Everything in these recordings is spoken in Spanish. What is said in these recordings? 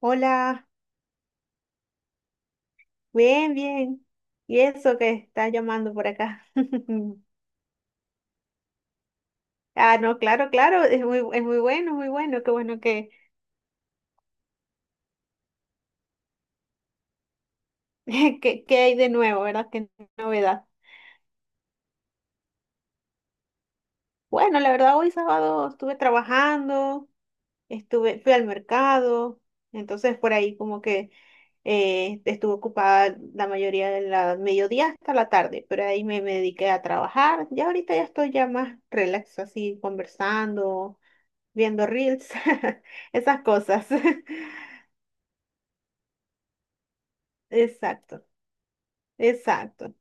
Hola, bien, bien. ¿Y eso que estás llamando por acá? Ah, no, claro, claro, es muy bueno, muy bueno, qué bueno que, que hay de nuevo, ¿verdad? Qué novedad. Bueno, la verdad, hoy sábado estuve trabajando, fui al mercado, entonces por ahí como que estuve ocupada la mayoría de la mediodía hasta la tarde, pero ahí me dediqué a trabajar. Ya ahorita ya estoy ya más relax, así conversando viendo reels, esas cosas. Exacto, exacto.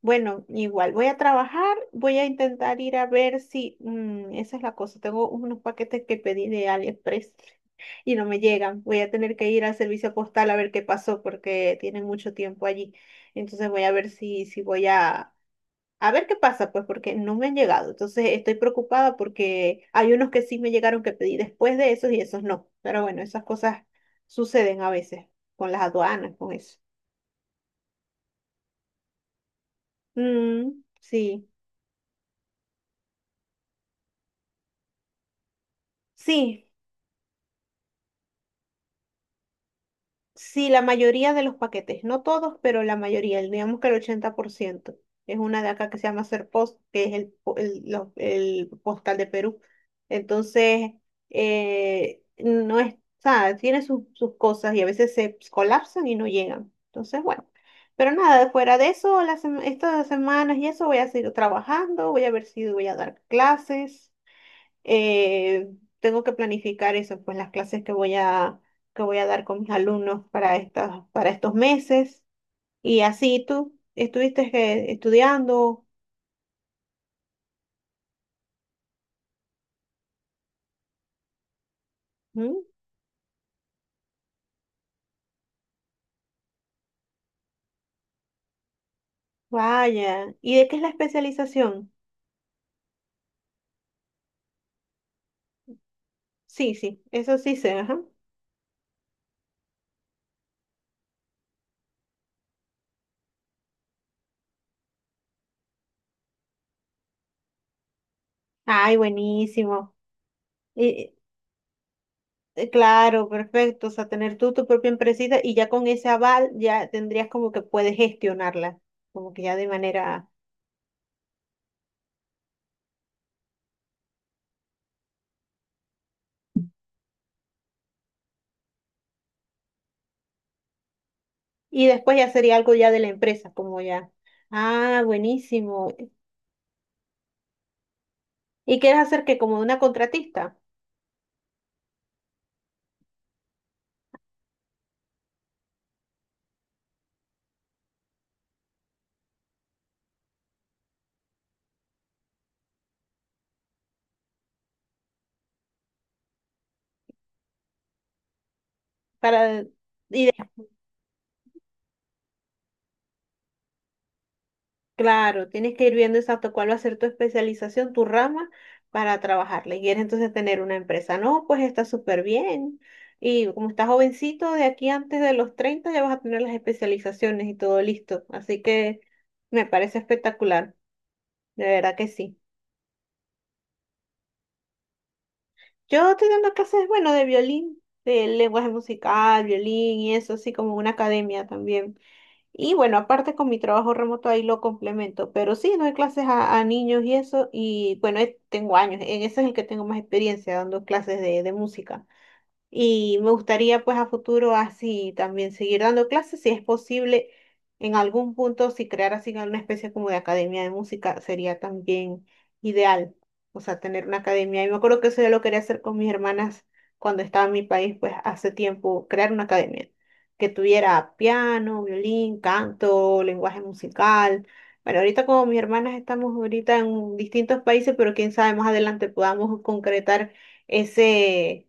Bueno, igual voy a trabajar, voy a intentar ir a ver si, esa es la cosa, tengo unos paquetes que pedí de AliExpress y no me llegan. Voy a tener que ir al servicio postal a ver qué pasó porque tienen mucho tiempo allí. Entonces voy a ver si voy a ver qué pasa, pues, porque no me han llegado. Entonces estoy preocupada porque hay unos que sí me llegaron que pedí después de esos y esos no. Pero bueno, esas cosas suceden a veces con las aduanas, con eso. Mm, sí, sí. Sí, la mayoría de los paquetes, no todos, pero la mayoría, digamos que el 80% es una de acá que se llama Serpost, que es el, po- el, lo- el postal de Perú. Entonces, no es, o sea, tiene sus cosas y a veces se pues, colapsan y no llegan. Entonces, bueno, pero nada, fuera de eso, estas semanas y eso voy a seguir trabajando, voy a ver si voy a dar clases, eh, tengo que planificar eso, pues las clases que voy a dar con mis alumnos para para estos meses. Y así tú estuviste estudiando. ¿Mm? Vaya. ¿Y de qué es la especialización? Sí, sí, eso sí sé, ajá. Ay, buenísimo. Y, claro, perfecto. O sea, tener tú tu propia empresita y ya con ese aval ya tendrías como que puedes gestionarla, como que ya de manera. Y después ya sería algo ya de la empresa, como ya. Ah, buenísimo. ¿Y quieres hacer que como una contratista? Para, y de- claro, tienes que ir viendo exacto cuál va a ser tu especialización, tu rama para trabajarla. Y quieres entonces tener una empresa. No, pues está súper bien. Y como estás jovencito, de aquí antes de los 30 ya vas a tener las especializaciones y todo listo. Así que me parece espectacular. De verdad que sí. Yo tenía una clases, bueno, de violín, de lenguaje musical, violín y eso, así como una academia también. Y bueno, aparte con mi trabajo remoto ahí lo complemento, pero sí, doy clases a niños y eso, y bueno, tengo años, en ese es el que tengo más experiencia dando clases de música. Y me gustaría pues a futuro así también seguir dando clases, si es posible en algún punto, si crear así una especie como de academia de música sería también ideal, o sea, tener una academia. Y me acuerdo que eso yo lo quería hacer con mis hermanas cuando estaba en mi país, pues hace tiempo, crear una academia que tuviera piano, violín, canto, lenguaje musical. Bueno, ahorita como mis hermanas estamos ahorita en distintos países, pero quién sabe, más adelante podamos concretar ese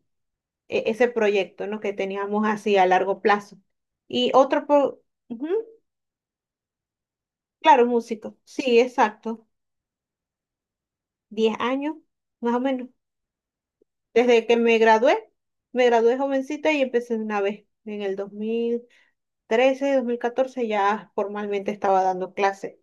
ese proyecto, ¿no? Que teníamos así a largo plazo. Y otro, pro- ujú, claro, músico, sí, exacto, 10 años, más o menos. Desde que me gradué jovencita y empecé de una vez. En el dos mil trece, 2014 ya formalmente estaba dando clases.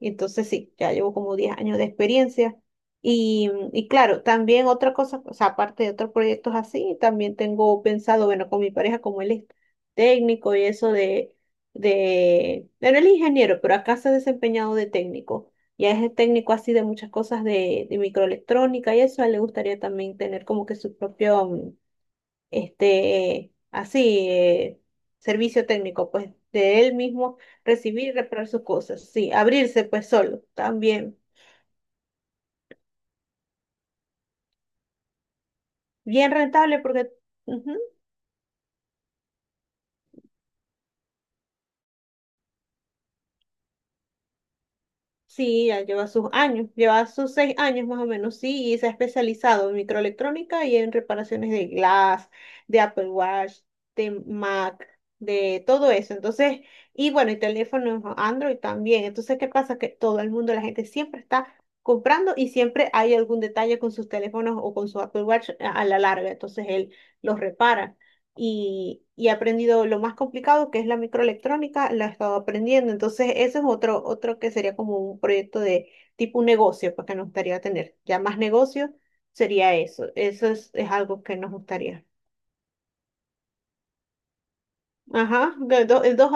Y entonces sí, ya llevo como 10 años de experiencia. Y claro, también otra cosa, o sea, aparte de otros proyectos así, también tengo pensado, bueno, con mi pareja, como él es técnico y eso bueno, él es ingeniero, pero acá se ha desempeñado de técnico. Ya es el técnico así de muchas cosas de microelectrónica y eso, a él le gustaría también tener como que su propio, este, así, servicio técnico, pues de él mismo recibir y reparar sus cosas, sí, abrirse pues solo, también, bien rentable porque, ujú, sí, ya lleva sus años, lleva sus 6 años más o menos, sí, y se ha especializado en microelectrónica y en reparaciones de Glass, de Apple Watch, de Mac, de todo eso. Entonces, y bueno, y teléfonos Android también. Entonces, ¿qué pasa? Que todo el mundo, la gente siempre está comprando y siempre hay algún detalle con sus teléfonos o con su Apple Watch a la larga. Entonces, él los repara y he aprendido lo más complicado que es la microelectrónica, la he estado aprendiendo. Entonces, ese es otro que sería como un proyecto de tipo un negocio, pues, que nos gustaría tener. Ya más negocio sería eso. Eso es algo que nos gustaría. Ajá, dos,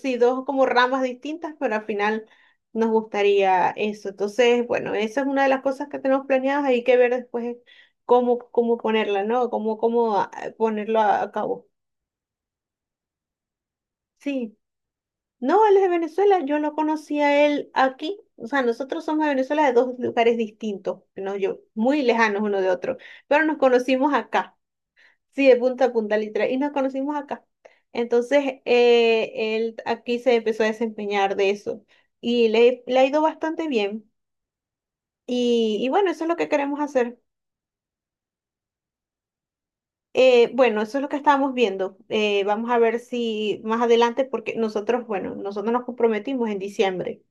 sí, dos como ramas distintas, pero al final nos gustaría eso. Entonces, bueno, esa es una de las cosas que tenemos planeadas. Hay que ver después cómo ponerla, ¿no? Ponerlo a cabo. Sí. No, él es de Venezuela, yo lo conocí a él aquí, o sea, nosotros somos de Venezuela de dos lugares distintos, no yo, muy lejanos uno de otro, pero nos conocimos acá, sí, de punta a punta literal, y nos conocimos acá. Entonces, él aquí se empezó a desempeñar de eso y le ha ido bastante bien. Y bueno, eso es lo que queremos hacer. Bueno, eso es lo que estábamos viendo. Vamos a ver si más adelante, porque nosotros, bueno, nosotros nos comprometimos en diciembre.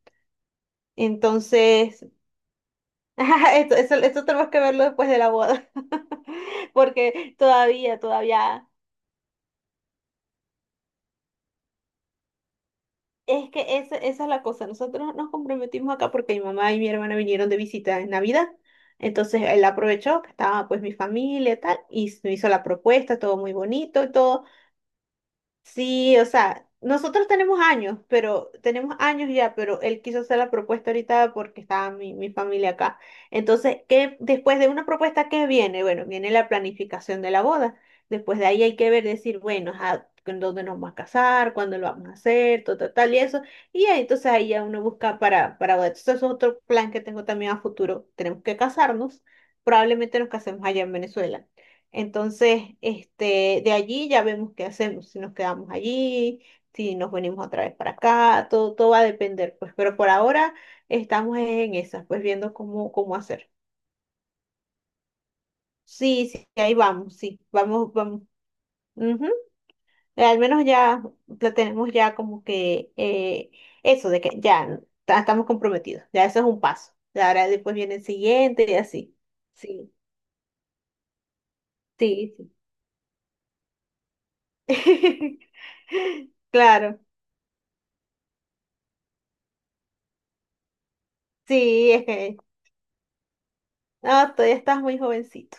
Entonces, Esto tenemos que verlo después de la boda, porque todavía, todavía, es que esa es la cosa, nosotros nos comprometimos acá porque mi mamá y mi hermana vinieron de visita en Navidad, entonces él aprovechó que estaba pues mi familia y tal, y me hizo la propuesta, todo muy bonito y todo. Sí, o sea, nosotros tenemos años, pero tenemos años ya, pero él quiso hacer la propuesta ahorita porque estaba mi, familia acá. Entonces, después de una propuesta, ¿qué viene? Bueno, viene la planificación de la boda. Después de ahí hay que ver, decir, bueno, ajá, ¿en dónde nos vamos a casar? ¿Cuándo lo vamos a hacer? Todo, tal, tal y eso. Y ahí, entonces ahí ya uno busca para boda. Entonces, eso es otro plan que tengo también a futuro. Tenemos que casarnos. Probablemente nos casemos allá en Venezuela. Entonces, este, de allí ya vemos qué hacemos, si nos quedamos allí, si nos venimos otra vez para acá, todo, todo va a depender, pues, pero por ahora estamos en esas, pues viendo cómo hacer. Sí, sí, ahí vamos, sí, vamos, vamos. Ujú. Al menos ya la tenemos ya como que, eso de que ya estamos comprometidos, ya eso es un paso. Ya ahora después viene el siguiente y así. Sí, sí, sí. Claro. Sí, es que no, todavía estás muy jovencito.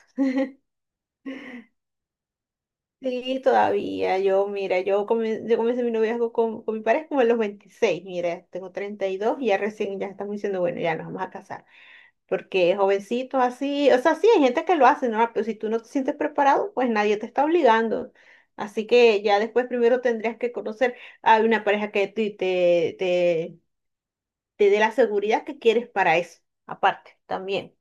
Sí, todavía. Yo, mira, yo comencé mi noviazgo con mi pareja como a los 26. Mira, tengo 32 y dos y ya recién ya estamos diciendo, bueno, ya nos vamos a casar. Porque jovencitos así, o sea, sí, hay gente que lo hace, ¿no? Pero si tú no te sientes preparado, pues nadie te está obligando. Así que ya después primero tendrías que conocer a una pareja que te dé la seguridad que quieres para eso, aparte, también.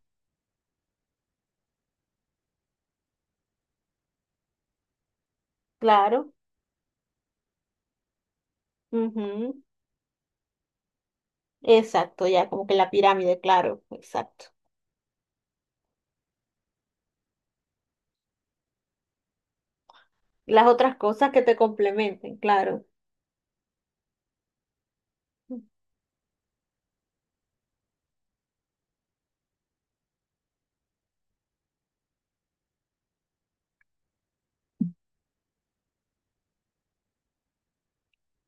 Claro. Ujú. Exacto, ya como que la pirámide, claro, exacto. Las otras cosas que te complementen, claro.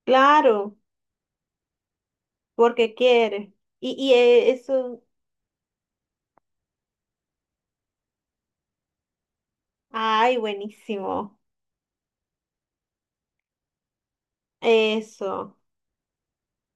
Claro, porque quieres. Eso, ay, buenísimo. Eso.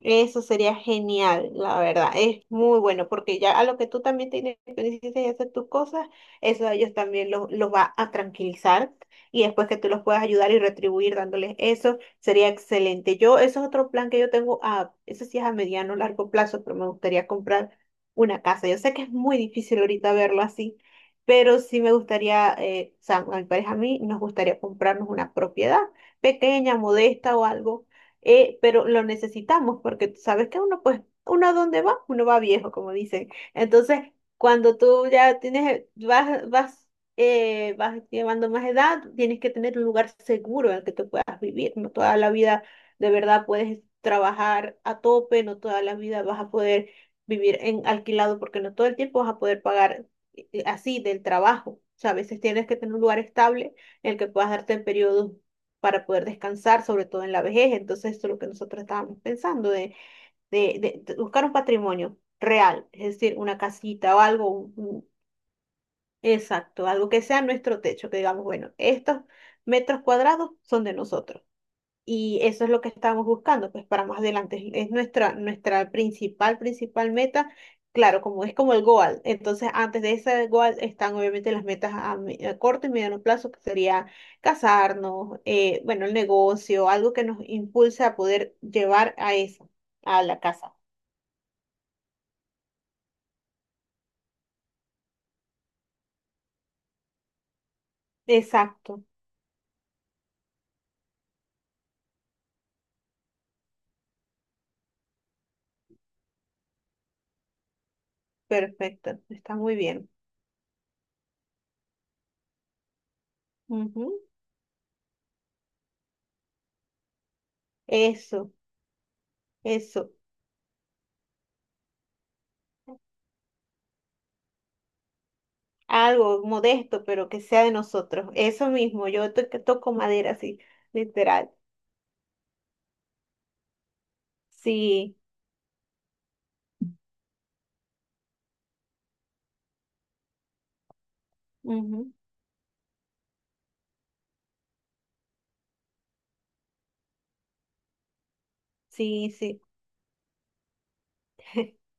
Eso sería genial, la verdad. Es muy bueno porque ya a lo que tú también te independices y hacer tus cosas, eso a ellos también los va a tranquilizar y después que tú los puedas ayudar y retribuir dándoles eso, sería excelente. Yo, eso es otro plan que yo tengo a, eso sí es a mediano, largo plazo, pero me gustaría comprar una casa. Yo sé que es muy difícil ahorita verlo así, pero sí me gustaría, o sea, a mi pareja a mí nos gustaría comprarnos una propiedad pequeña, modesta o algo, pero lo necesitamos porque tú sabes que uno, pues, uno a dónde va, uno va viejo, como dicen. Entonces, cuando tú ya tienes, vas llevando más edad, tienes que tener un lugar seguro en el que tú puedas vivir. No toda la vida de verdad puedes trabajar a tope, no toda la vida vas a poder vivir en alquilado porque no todo el tiempo vas a poder pagar, así del trabajo. O sea, a veces tienes que tener un lugar estable en el que puedas darte en periodos para poder descansar, sobre todo en la vejez. Entonces, esto es lo que nosotros estábamos pensando, de, de, buscar un patrimonio real, es decir, una casita o algo, exacto, algo que sea nuestro techo, que digamos, bueno, estos metros cuadrados son de nosotros. Y eso es lo que estábamos buscando, pues para más adelante. Es nuestra principal, principal meta. Claro, como es como el goal. Entonces, antes de ese goal están obviamente las metas a corto y mediano plazo, que sería casarnos, bueno, el negocio, algo que nos impulse a poder llevar a eso, a la casa. Exacto, perfecto, está muy bien. Ujú, eso, eso. Algo modesto, pero que sea de nosotros. Eso mismo, yo, que toco madera, así. Literal. Sí, ujú, sí, sí.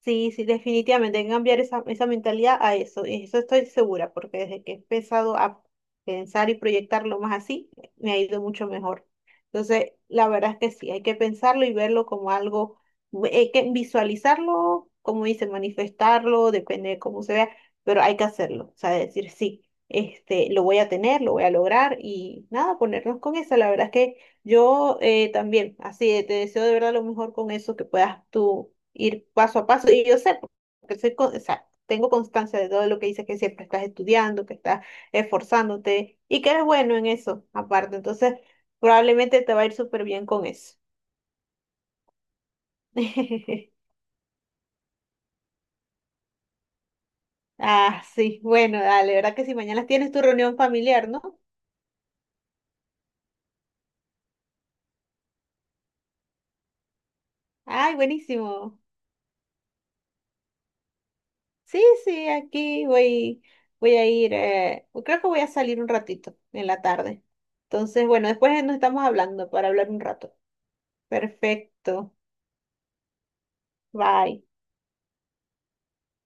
Sí, sí, definitivamente hay que cambiar esa mentalidad a eso. Y eso estoy segura, porque desde que he empezado a pensar y proyectarlo más así, me ha ido mucho mejor. Entonces, la verdad es que sí, hay que pensarlo y verlo como algo, hay que visualizarlo, como dice, manifestarlo, depende de cómo se vea, pero hay que hacerlo. O sea, decir sí, este, lo voy a tener, lo voy a lograr y nada, ponernos con eso. La verdad es que yo, también, así, te deseo de verdad lo mejor con eso que puedas tú ir paso a paso. Y yo sé, porque o sea, tengo constancia de todo lo que dices, que siempre estás estudiando, que estás esforzándote y que eres bueno en eso, aparte. Entonces, probablemente te va a ir súper bien con eso. Ah, sí, bueno, dale, ¿verdad que si mañana tienes tu reunión familiar, ¿no? Ay, buenísimo. Sí, sí, aquí voy, voy a ir, creo que voy a salir un ratito en la tarde. Entonces, bueno, después nos estamos hablando para hablar un rato. Perfecto. Bye.